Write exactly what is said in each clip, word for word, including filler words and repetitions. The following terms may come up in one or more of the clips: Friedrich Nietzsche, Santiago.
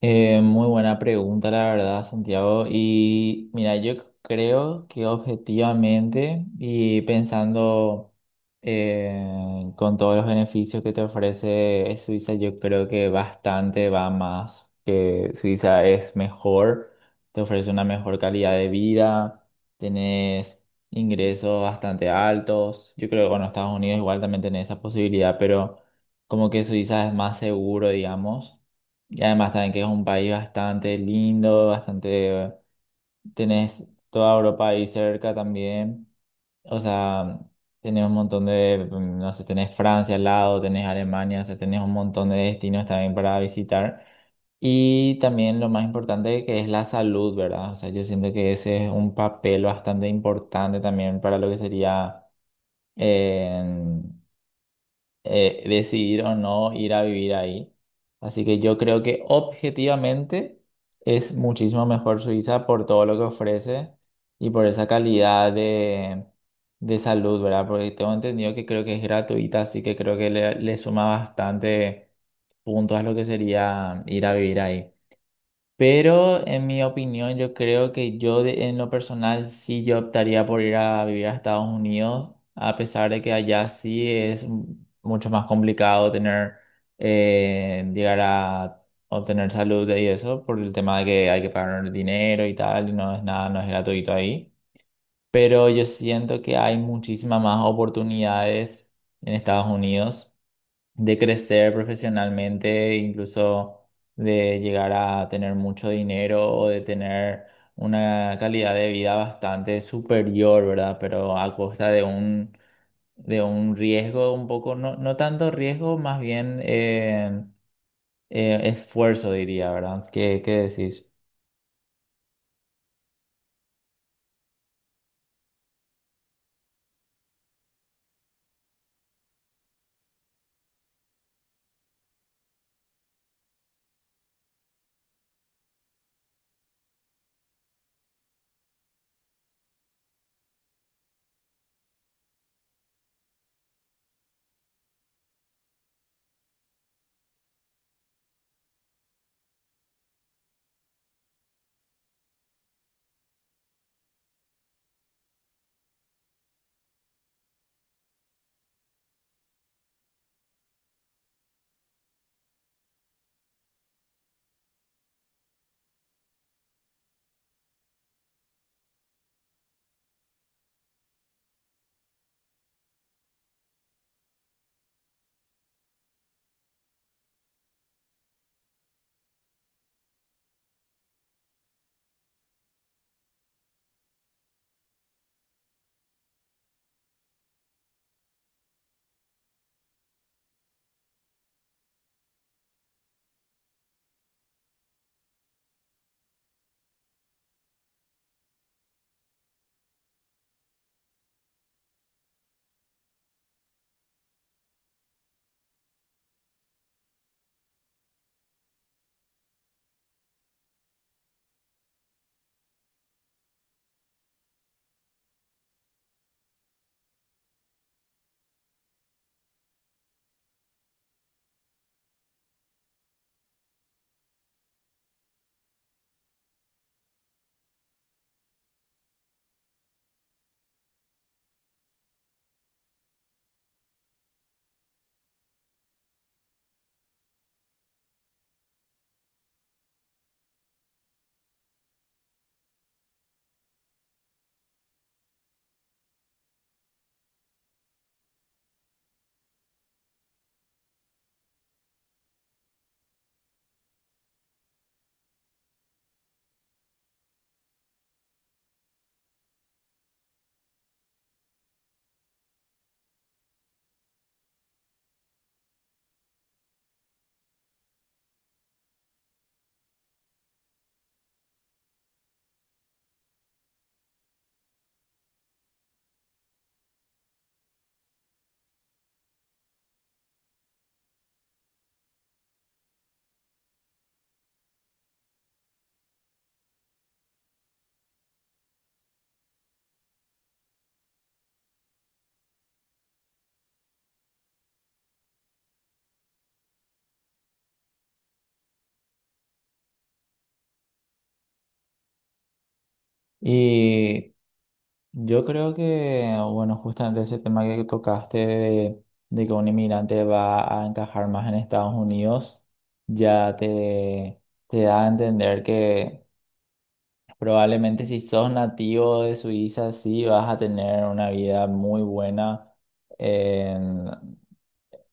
Eh, muy buena pregunta, la verdad, Santiago. Y mira, yo creo que objetivamente y pensando eh, con todos los beneficios que te ofrece Suiza, yo creo que bastante va más, que Suiza es mejor, te ofrece una mejor calidad de vida, tenés ingresos bastante altos. Yo creo que, bueno, Estados Unidos igual también tenés esa posibilidad, pero como que Suiza es más seguro, digamos. Y además también que es un país bastante lindo, bastante... Tenés toda Europa ahí cerca también. O sea, tenés un montón de... mm, No sé, tenés Francia al lado, tenés Alemania, o sea, tenés un montón de destinos también para visitar. Y también lo más importante que es la salud, ¿verdad? O sea, yo siento que ese es un papel bastante importante también para lo que sería... eh, eh, decidir o no ir a vivir ahí. Así que yo creo que objetivamente es muchísimo mejor Suiza por todo lo que ofrece y por esa calidad de, de salud, ¿verdad? Porque tengo entendido que creo que es gratuita, así que creo que le, le suma bastante puntos a lo que sería ir a vivir ahí. Pero en mi opinión, yo creo que yo de- en lo personal sí yo optaría por ir a vivir a Estados Unidos, a pesar de que allá sí es m- mucho más complicado tener, eh, llegar a obtener salud y eso, por el tema de que hay que pagar dinero y tal, y no es nada, no es gratuito ahí. Pero yo siento que hay muchísimas más oportunidades en Estados Unidos de crecer profesionalmente, incluso de llegar a tener mucho dinero o de tener una calidad de vida bastante superior, ¿verdad? Pero a costa de un, de un riesgo un poco, no, no tanto riesgo, más bien eh, eh, esfuerzo, diría, ¿verdad? ¿Qué, qué decís? Y yo creo que, bueno, justamente ese tema que tocaste de, de que un inmigrante va a encajar más en Estados Unidos, ya te, te da a entender que probablemente si sos nativo de Suiza, sí vas a tener una vida muy buena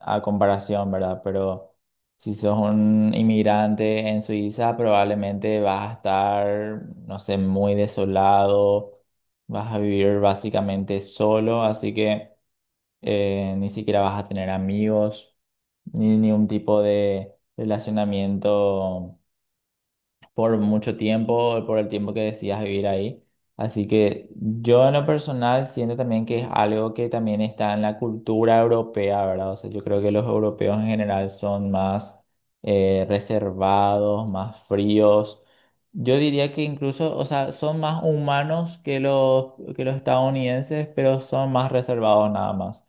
a comparación, ¿verdad? Pero si sos un inmigrante en Suiza, probablemente vas a estar, no sé, muy desolado, vas a vivir básicamente solo, así que eh, ni siquiera vas a tener amigos, ni ningún tipo de relacionamiento por mucho tiempo, por el tiempo que decías vivir ahí. Así que yo en lo personal siento también que es algo que también está en la cultura europea, ¿verdad? O sea, yo creo que los europeos en general son más eh, reservados, más fríos. Yo diría que incluso, o sea, son más humanos que los, que los estadounidenses, pero son más reservados nada más.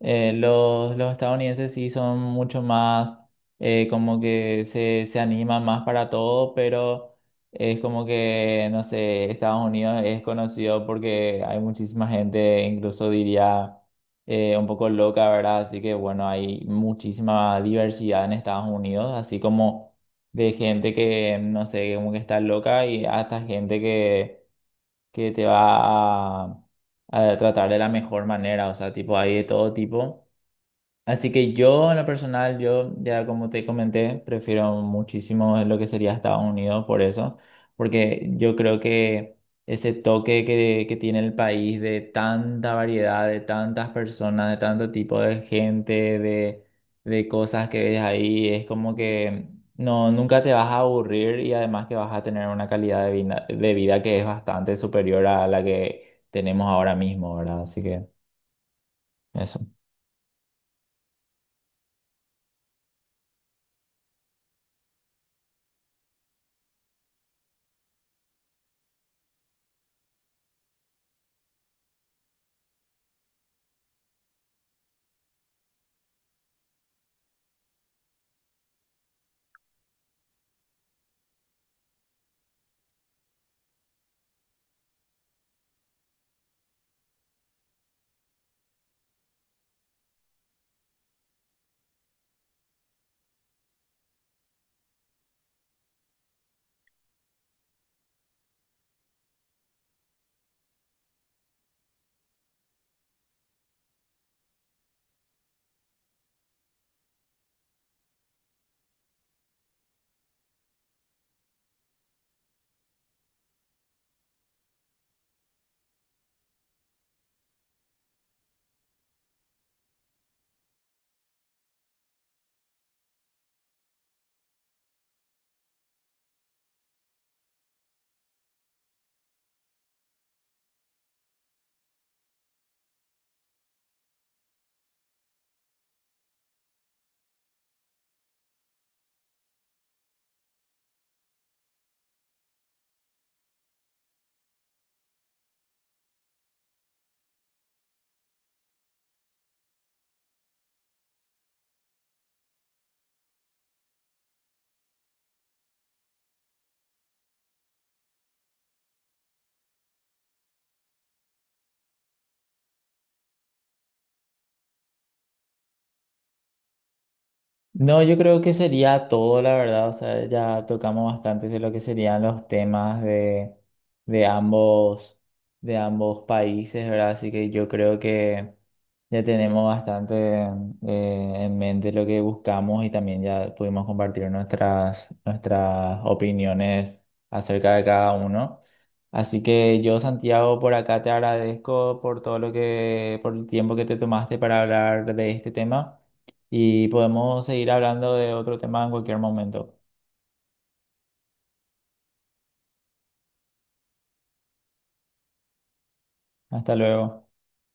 Eh, los, los estadounidenses sí son mucho más, eh, como que se, se animan más para todo, pero es como que, no sé, Estados Unidos es conocido porque hay muchísima gente, incluso diría eh, un poco loca, ¿verdad? Así que bueno, hay muchísima diversidad en Estados Unidos, así como de gente que, no sé, como que está loca y hasta gente que, que te va a a tratar de la mejor manera, o sea, tipo, hay de todo tipo. Así que yo, en lo personal, yo ya como te comenté, prefiero muchísimo lo que sería Estados Unidos por eso, porque yo creo que ese toque que, que tiene el país de tanta variedad, de tantas personas, de tanto tipo de gente, de, de cosas que ves ahí, es como que no, nunca te vas a aburrir y además que vas a tener una calidad de vida, de vida que es bastante superior a la que tenemos ahora mismo, ¿verdad? Así que eso. No, yo creo que sería todo, la verdad. O sea, ya tocamos bastante de lo que serían los temas de, de ambos, de ambos países, ¿verdad? Así que yo creo que ya tenemos bastante eh, en mente lo que buscamos y también ya pudimos compartir nuestras, nuestras opiniones acerca de cada uno. Así que yo, Santiago, por acá te agradezco por todo lo que, por el tiempo que te tomaste para hablar de este tema y podemos seguir hablando de otro tema en cualquier momento. Hasta luego.